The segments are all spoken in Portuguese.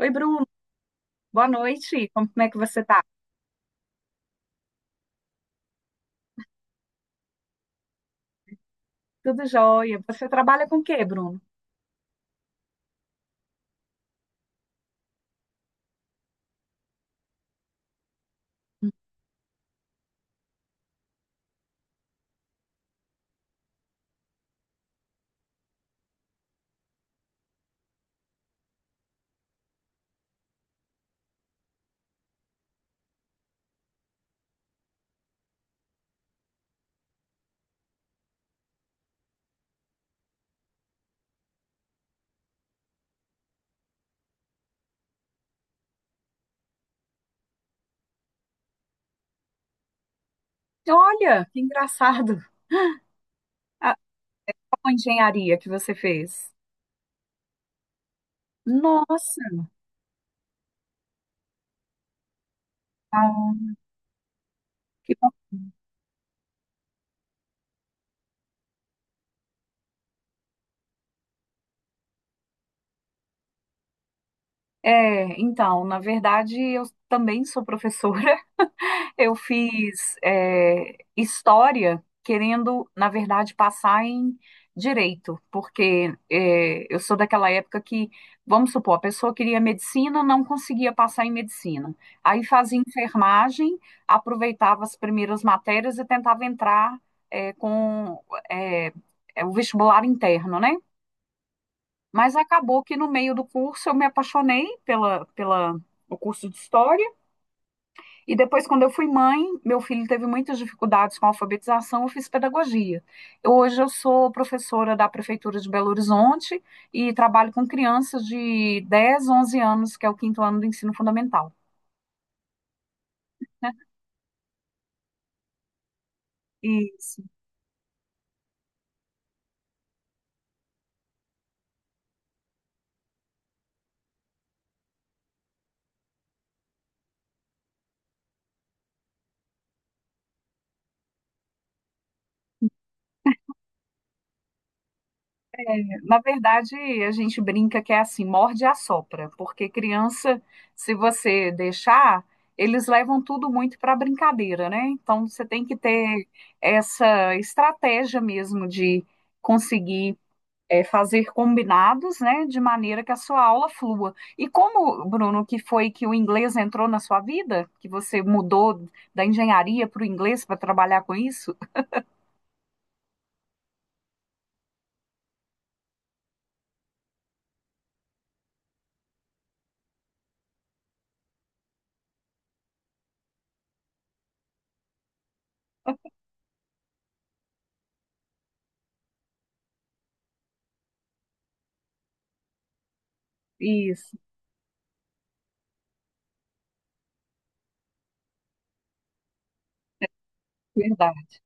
Oi, Bruno. Boa noite. Como é que você tá? Tudo jóia. Você trabalha com o quê, Bruno? Olha, que engraçado. A, a engenharia que você fez. Nossa, ah, que bom. É, então, na verdade, eu também sou professora. Eu fiz história querendo, na verdade, passar em direito, porque eu sou daquela época que, vamos supor, a pessoa queria medicina, não conseguia passar em medicina. Aí fazia enfermagem, aproveitava as primeiras matérias e tentava entrar com é, o vestibular interno, né? Mas acabou que no meio do curso eu me apaixonei o curso de história. E depois, quando eu fui mãe, meu filho teve muitas dificuldades com a alfabetização, eu fiz pedagogia. Hoje eu sou professora da Prefeitura de Belo Horizonte e trabalho com crianças de 10, 11 anos, que é o quinto ano do ensino fundamental. E, assim, na verdade, a gente brinca que é assim, morde e assopra, porque criança, se você deixar, eles levam tudo muito para brincadeira, né? Então, você tem que ter essa estratégia mesmo de conseguir fazer combinados, né, de maneira que a sua aula flua. E como, Bruno, que foi que o inglês entrou na sua vida? Que você mudou da engenharia para o inglês para trabalhar com isso? Isso, verdade.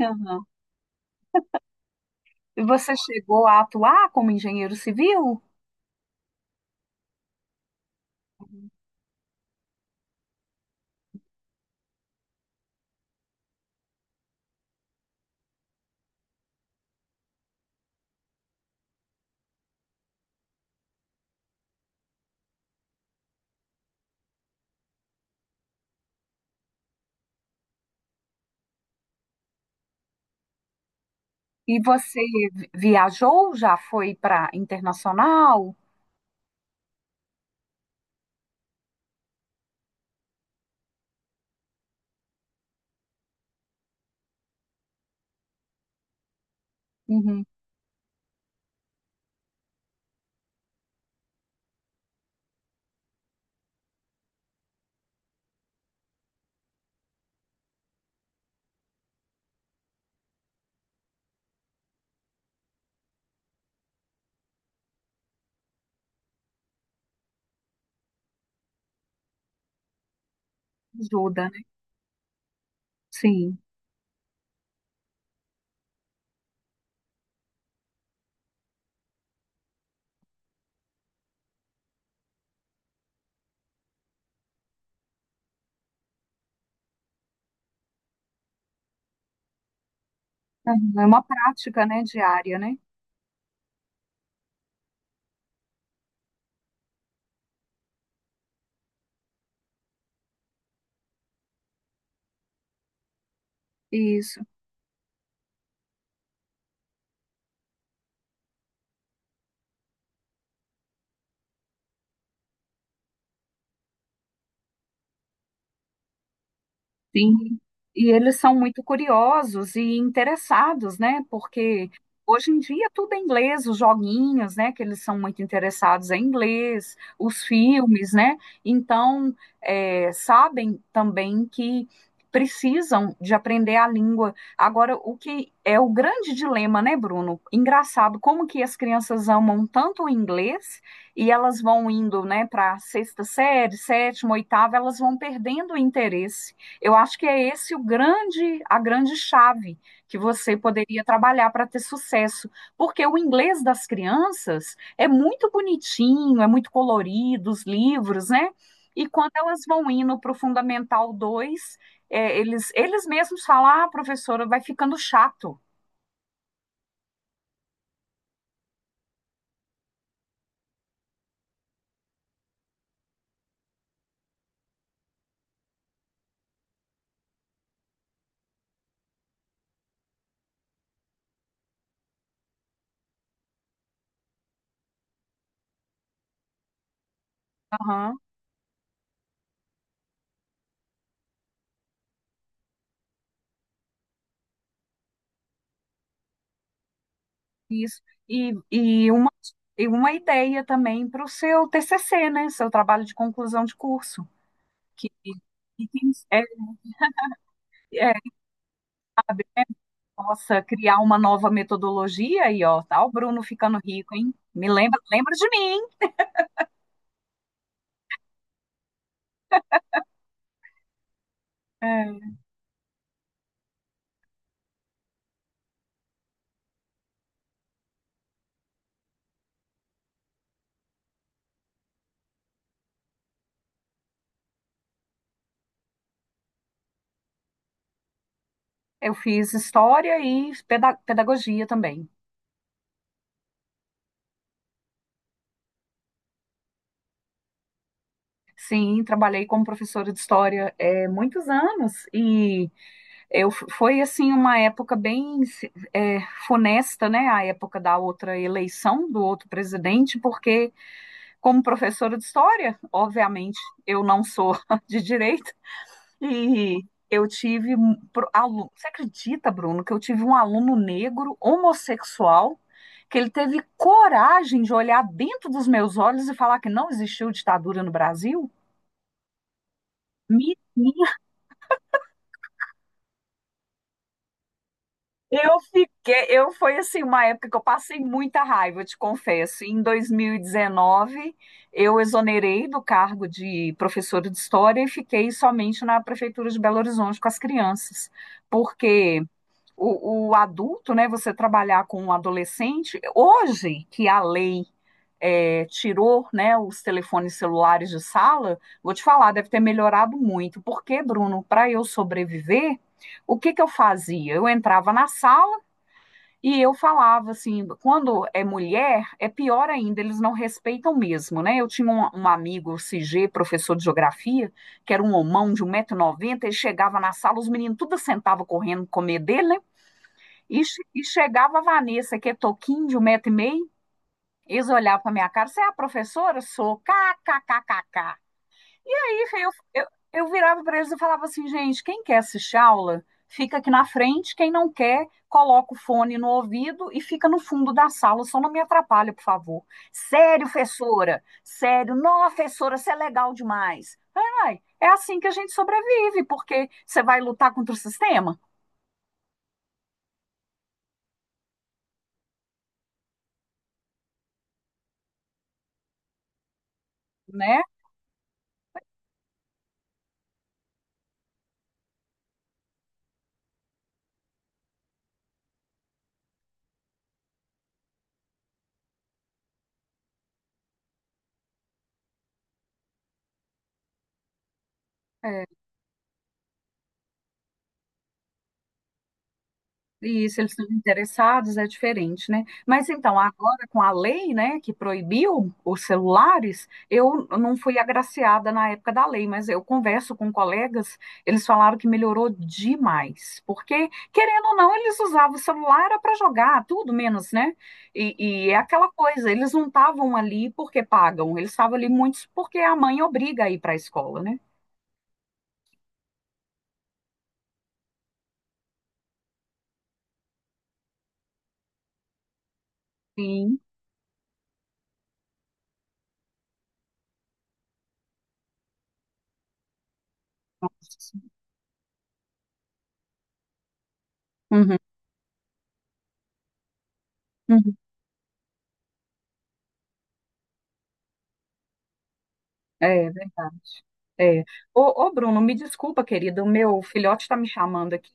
Aham. E você chegou a atuar como engenheiro civil? E você viajou? Já foi para internacional? Uhum, ajuda, né? Sim. Aham, é uma prática, né, diária, né? Isso. Sim, e eles são muito curiosos e interessados, né? Porque hoje em dia tudo é inglês, os joguinhos, né? Que eles são muito interessados em inglês, os filmes, né? Então, sabem também que precisam de aprender a língua. Agora, o que é o grande dilema, né, Bruno? Engraçado, como que as crianças amam tanto o inglês e elas vão indo, né, para sexta série, sétima, oitava, elas vão perdendo o interesse. Eu acho que é esse o grande, a grande chave que você poderia trabalhar para ter sucesso, porque o inglês das crianças é muito bonitinho, é muito colorido, os livros, né? E quando elas vão indo para o Fundamental 2, é, eles mesmos falam, ah, professora, vai ficando chato. Aham, isso. E, e uma, e uma ideia também para o seu TCC, né? Seu trabalho de conclusão de curso, que, que tem- é, é Nossa, criar uma nova metodologia aí, ó, tá o Bruno ficando rico, hein? Me lembra, lembra de mim. É, eu fiz história e pedagogia também. Sim, trabalhei como professora de história muitos anos e foi assim uma época bem é, funesta, né? A época da outra eleição do outro presidente, porque como professora de história, obviamente eu não sou de direita. E eu tive um aluno. Você acredita, Bruno, que eu tive um aluno negro, homossexual, que ele teve coragem de olhar dentro dos meus olhos e falar que não existiu ditadura no Brasil? Me- Eu fiquei, eu foi assim uma época que eu passei muita raiva, eu te confesso. Em 2019, eu exonerei do cargo de professora de história e fiquei somente na prefeitura de Belo Horizonte com as crianças, porque o adulto, né, você trabalhar com um adolescente, hoje que a lei tirou né, os telefones celulares de sala, vou te falar, deve ter melhorado muito. Porque, Bruno, para eu sobreviver, o que, que eu fazia? Eu entrava na sala e eu falava assim: quando é mulher, é pior ainda, eles não respeitam mesmo, né? Eu tinha um amigo, o CG, professor de geografia, que era um homão de um 190 noventa. Ele chegava na sala, os meninos tudo sentavam correndo comer dele, né? E chegava a Vanessa, que é toquinho de um metro e meio, eles olhavam pra minha cara, você é a professora? Sou, kkkk. Aí eu virava pra eles e falava assim, gente, quem quer assistir aula, fica aqui na frente, quem não quer, coloca o fone no ouvido e fica no fundo da sala, só não me atrapalha, por favor. Sério, professora, sério, nossa, professora, você é legal demais. Ai, ai, é assim que a gente sobrevive, porque você vai lutar contra o sistema, né? É. E isso, eles estão interessados, é diferente, né? Mas então, agora com a lei, né, que proibiu os celulares, eu não fui agraciada na época da lei, mas eu converso com colegas, eles falaram que melhorou demais, porque, querendo ou não, eles usavam o celular para jogar, tudo menos, né? E é aquela coisa, eles não estavam ali porque pagam, eles estavam ali muitos porque a mãe obriga a ir para a escola, né? Sim. Nossa. Uhum. É é verdade. É. Ô, ô, Bruno, me desculpa, querido, o meu filhote está me chamando aqui,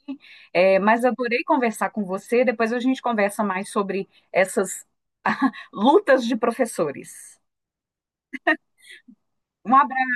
é, mas adorei conversar com você. Depois a gente conversa mais sobre essas lutas de professores. Um abraço.